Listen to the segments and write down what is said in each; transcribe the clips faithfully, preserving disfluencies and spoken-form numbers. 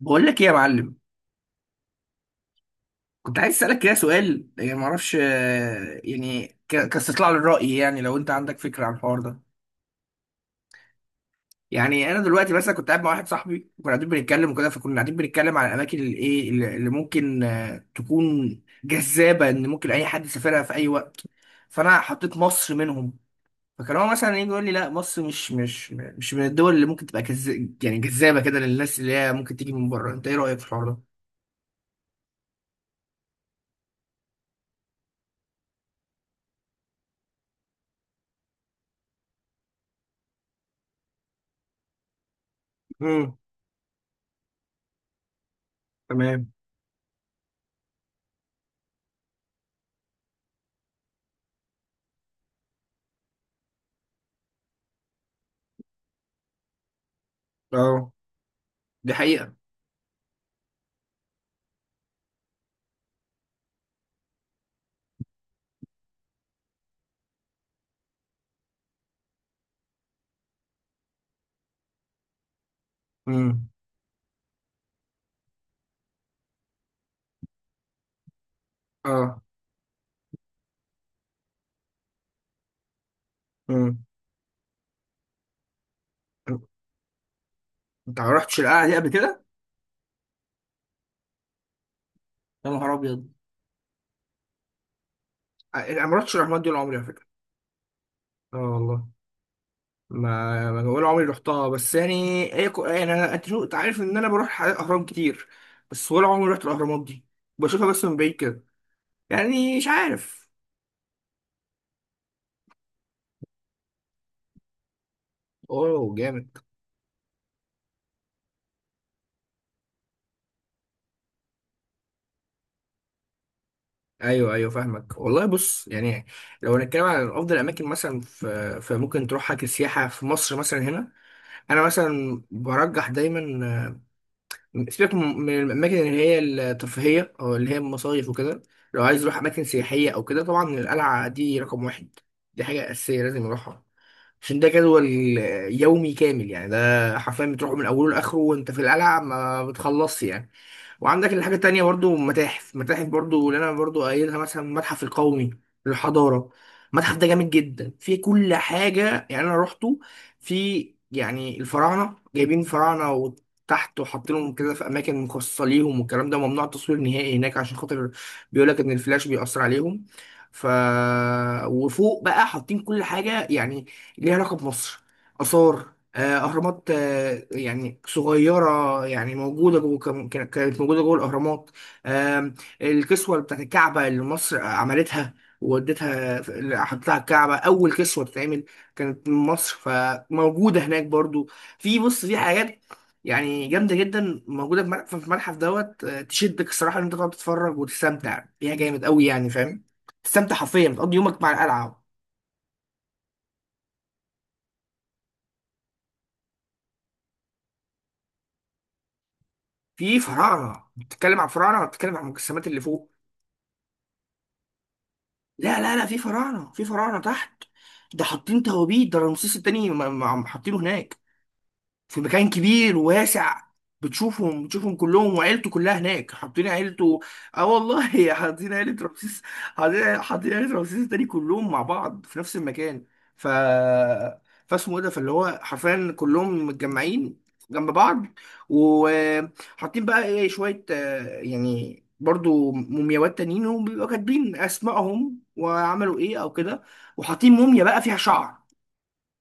بقول لك ايه يا معلم. كنت عايز اسالك كده سؤال، يعني ما اعرفش، آه، يعني ك- كاستطلاع للراي، يعني لو انت عندك فكره عن الحوار ده. يعني انا دلوقتي مثلا كنت قاعد مع واحد صاحبي وكنا قاعدين بنتكلم وكده، فكنا قاعدين بنتكلم على الاماكن اللي ايه اللي اللي ممكن آه، تكون جذابه ان ممكن اي حد يسافرها في اي وقت. فانا حطيت مصر منهم. فكان هو مثلا يجي يقول لي لا مصر مش مش مش من الدول اللي ممكن تبقى كز... يعني جذابه كده للناس اللي هي ممكن تيجي من بره. انت ايه رايك في الحوار ده؟ امم. تمام. اه. دي حقيقة. مم. اه. امم. انت ما رحتش القلعه دي قبل كده؟ يا نهار ابيض. انا ما رحتش الاهرامات دي ولا عمري على فكره. اه والله، ما ما ولا عمري رحتها، بس يعني ايه كو... يعني انا انت شو- أنت عارف ان انا بروح اهرام كتير، بس ولا عمري رحت الاهرامات دي. بشوفها بس من بعيد كده، يعني مش عارف. اوه جامد. ايوه، ايوه، فاهمك والله. بص، يعني لو هنتكلم عن افضل اماكن مثلا في فممكن تروحها كسياحه في مصر مثلا هنا، انا مثلا برجح دايما، سيبك من من الاماكن اللي هي الترفيهيه او اللي هي المصايف وكده، لو عايز يروح اماكن سياحيه او كده، طبعا القلعه دي رقم واحد. دي حاجه اساسيه لازم يروحها، عشان ده جدول يومي كامل، يعني ده حرفيا بتروح من اوله لاخره وانت في القلعه ما بتخلصش يعني. وعندك الحاجه التانيه برضو متاحف، متاحف برضو اللي انا برضو قايلها، مثلا المتحف القومي للحضاره. المتحف ده جامد جدا، فيه كل حاجه. يعني انا روحته، في يعني الفراعنه جايبين فراعنه وتحت وحاطينهم كده في اماكن مخصصه ليهم، والكلام ده ممنوع التصوير نهائي هناك، عشان خاطر بيقول لك ان الفلاش بيأثر عليهم. ف وفوق بقى حاطين كل حاجه يعني ليها علاقة بمصر، آثار، آه، أهرامات، آه، يعني صغيرة، يعني موجودة جوه كم- كان- كانت موجودة جوه الأهرامات. آم، الكسوة بتاعت الكعبة اللي مصر عملتها وودتها في- حطتها على الكعبة، أول كسوة تتعمل كانت من مصر، فموجودة هناك برضو. في، بص، في حاجات يعني جامدة جدا موجودة في متحف، في المتحف دوت آه، تشدك الصراحة، إن أنت تقعد تتفرج وتستمتع بيها جامد أوي، يعني فاهم، تستمتع حرفيا، بتقضي يومك مع القلعة. في فراعنه، بتتكلم عن فراعنه ولا بتتكلم عن المجسمات اللي فوق؟ لا، لا، لا، في فراعنه في فراعنه تحت. ده حاطين توابيت، ده رمسيس التاني م- م- عم حاطينه هناك في مكان كبير وواسع. بتشوفهم بتشوفهم كلهم وعيلته كلها هناك، حاطين عيلته. اه والله حاطين عيلة رمسيس، حاطين حاطين عيلة رمسيس التاني كلهم مع بعض في نفس المكان. ف فاسمه ايه ده، فاللي هو حرفيا كلهم متجمعين جنب بعض. وحاطين بقى ايه شوية آه، يعني برضو مومياوات تانيين، وبيبقوا كاتبين اسمائهم وعملوا ايه او كده. وحاطين موميا بقى فيها شعر،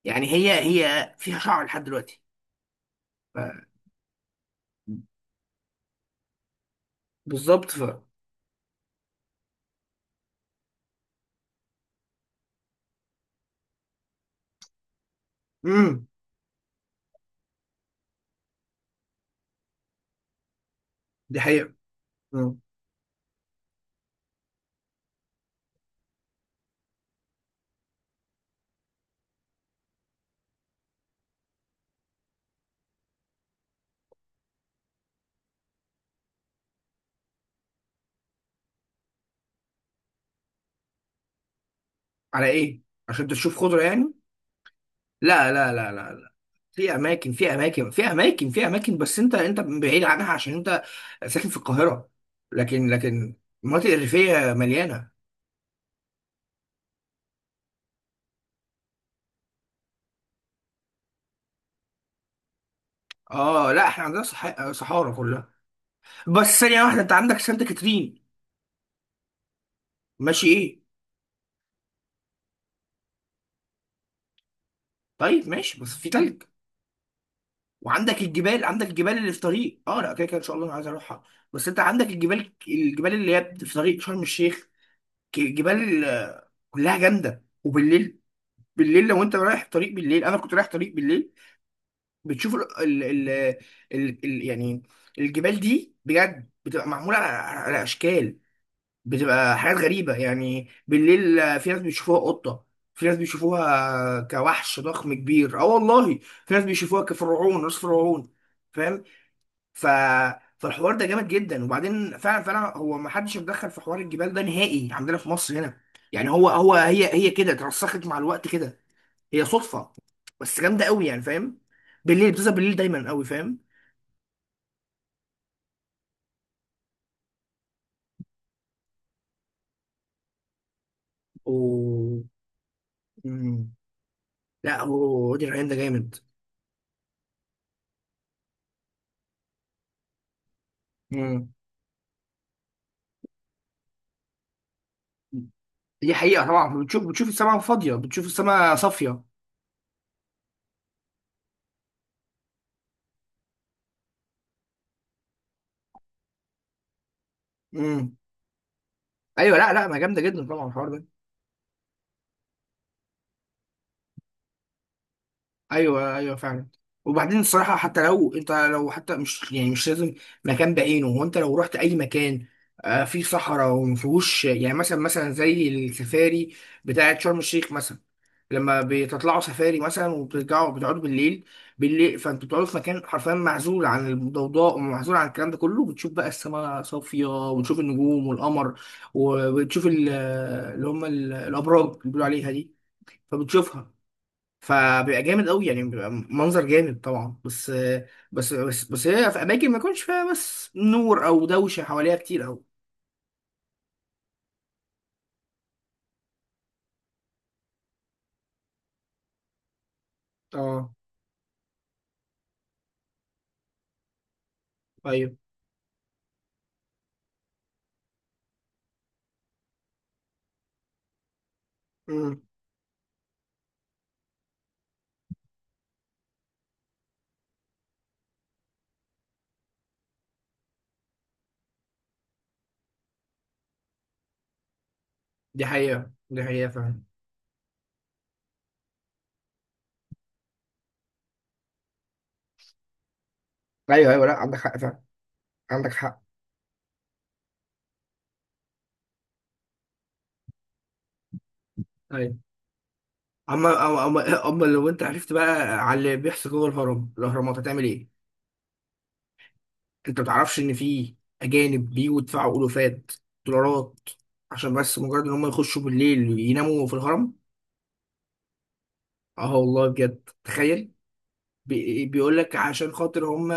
يعني هي هي فيها شعر لحد دلوقتي. بالظبط. ف امم. دي حقيقة. مم. على ايه؟ عشان تشوف خضرة يعني؟ لا، لا، لا، لا، لا، في اماكن في اماكن في اماكن في اماكن، بس انت انت بعيد عنها عشان انت ساكن في القاهرة، لكن لكن المناطق الريفية مليانة. اه لا، احنا عندنا صح... صحارى كلها، بس ثانية واحدة، انت عندك سانت كاترين. ماشي، ايه؟ طيب ماشي، بس في تلج، وعندك الجبال، عندك الجبال اللي في طريق، اه لا كده كده ان شاء الله انا عايز اروحها، بس انت عندك الجبال الجبال اللي هي في طريق شرم الشيخ. جبال آه، كلها جامده، وبالليل، بالليل لو انت رايح طريق بالليل، انا كنت رايح طريق بالليل، بتشوف ال ال ال ال ال يعني الجبال دي بجد بتبقى معموله على, على اشكال، بتبقى حاجات غريبه يعني. بالليل آه، في ناس بيشوفوها قطه، في ناس بيشوفوها كوحش ضخم كبير، اه والله، في ناس بيشوفوها كفرعون، راس فرعون، فاهم؟ ف فالحوار ده جامد جدا. وبعدين فعلا فعلا هو ما حدش اتدخل في حوار الجبال ده نهائي عندنا في مصر هنا، يعني هو هو هي هي كده اترسخت مع الوقت كده. هي صدفة، بس جامدة قوي، يعني فاهم، بالليل بتظهر، بالليل دايما قوي، فاهم. و مم. لا، هو وادي الريان ده جامد. مم. دي حقيقة، طبعا بتشوف بتشوف السماء فاضية، بتشوف السماء صافية. مم. ايوه، لا، لا، ما جامدة جدا طبعا الحوار ده. ايوه، ايوه، فعلا. وبعدين الصراحه، حتى لو انت، لو حتى مش يعني مش لازم مكان بعينه، هو انت لو رحت اي مكان آه، فيه صحراء وما فيهوش، يعني مثلا مثلا زي السفاري بتاعه شرم الشيخ مثلا، لما بتطلعوا سفاري مثلا وبترجعوا بتقعدوا بالليل، بالليل فانتوا بتقعدوا في مكان حرفيا معزول عن الضوضاء ومعزول عن الكلام ده كله، بتشوف بقى السماء صافيه وبتشوف النجوم والقمر، وبتشوف ال- اللي هم ال- الابراج اللي بيقولوا عليها دي، فبتشوفها، فبيبقى جامد قوي، يعني بيبقى منظر جامد طبعا، بس بس بس بس هي في اماكن ما يكونش فيها بس نور او دوشه حواليها كتير قوي. اه. ايوه. امم. دي حقيقه، دي حقيقه فعلا. ايوه، ايوه، لا عندك حق فعلا. عندك حق. ايوه. اما اما اما أما لو انت عرفت بقى على اللي بيحصل جوه الهرم الاهرامات هتعمل ايه. انت ما تعرفش ان في اجانب بيجوا يدفعوا الوفات دولارات عشان بس مجرد ان هم يخشوا بالليل يناموا في الهرم. اه والله بجد، تخيل. بي- بيقول لك عشان خاطر هم،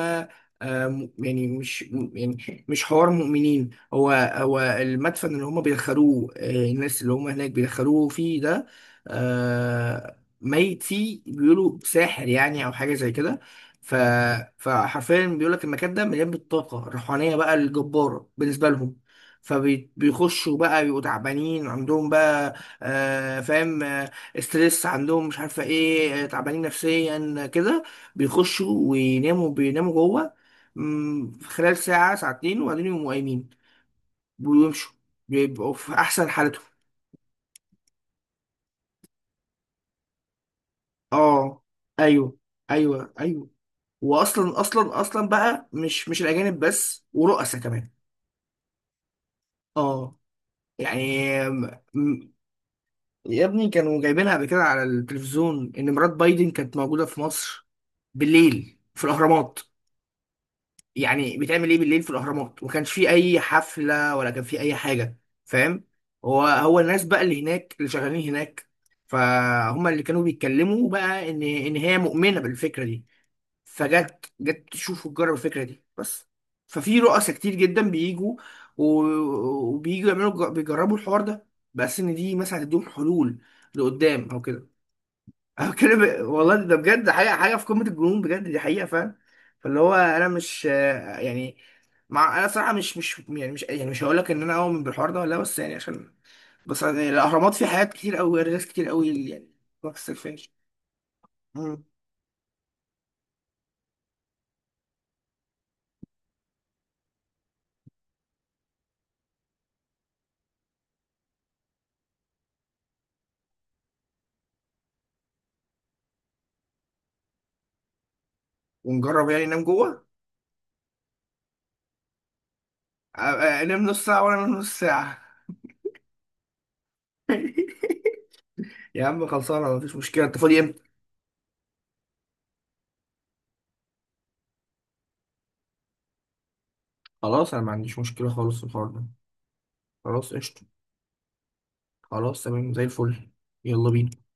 يعني مش م- يعني مش حوار مؤمنين. هو هو المدفن اللي هم بيدخلوه آه، الناس اللي هم هناك بيدخلوه فيه ده آه، ميت فيه بيقولوا ساحر، يعني او حاجه زي كده. ف فحرفيا بيقول لك المكان ده مليان بالطاقه الروحانيه بقى الجباره بالنسبه لهم. فبيخشوا بقى بيبقوا تعبانين عندهم بقى، آه، فاهم، آه، ستريس عندهم مش عارفه ايه، آه، تعبانين نفسيا كده، بيخشوا ويناموا، بيناموا جوه، مم، في خلال ساعة ساعتين، وبعدين يقوموا قايمين ويمشوا، بيبقوا في أحسن حالتهم. اه. أيوه، أيوه، أيوه. وأصلا أصلا أصلا بقى، مش مش الأجانب بس، ورؤساء كمان. اه. يعني م- م- يا ابني كانوا جايبينها قبل كده على التلفزيون إن مرات بايدن كانت موجودة في مصر بالليل في الأهرامات. يعني بيتعمل ايه بالليل في الاهرامات، وما كانش فيه اي حفله ولا كان فيه اي حاجه، فاهم؟ هو هو الناس بقى اللي هناك اللي شغالين هناك فهم اللي كانوا بيتكلموا بقى ان ان هي مؤمنه بالفكره دي، فجت، جت تشوف وتجرب الفكره دي بس. ففي رؤساء كتير جدا بيجوا و- وبييجوا يعملوا، بيجربوا الحوار ده بس ان دي مثلا هتديهم حلول لقدام او كده. أنا بتكلم والله، ده بجد حاجة، حاجة في قمة الجنون بجد، دي حقيقة، فاهم. فاللي هو أنا مش آه، يعني، مع أنا صراحة مش مش يعني مش يعني مش هقول لك إن أنا أؤمن بالحوار ده ولا لأ، بس يعني عشان، بس يعني الأهرامات فيه حاجات كتير أوي، ناس كتير أوي اللي يعني ما بتستكفاش. مم. ونجرب يعني ننام جوه. آه، آه، نام نص ساعة وأنا أنام نص ساعة. يا عم خلصانة، مفيش مشكلة، أنت فاضي إمتى؟ خلاص، أنا ما عنديش مشكلة خالص في الحوار ده. خلاص قشطة. خلاص تمام زي الفل. يلا بينا.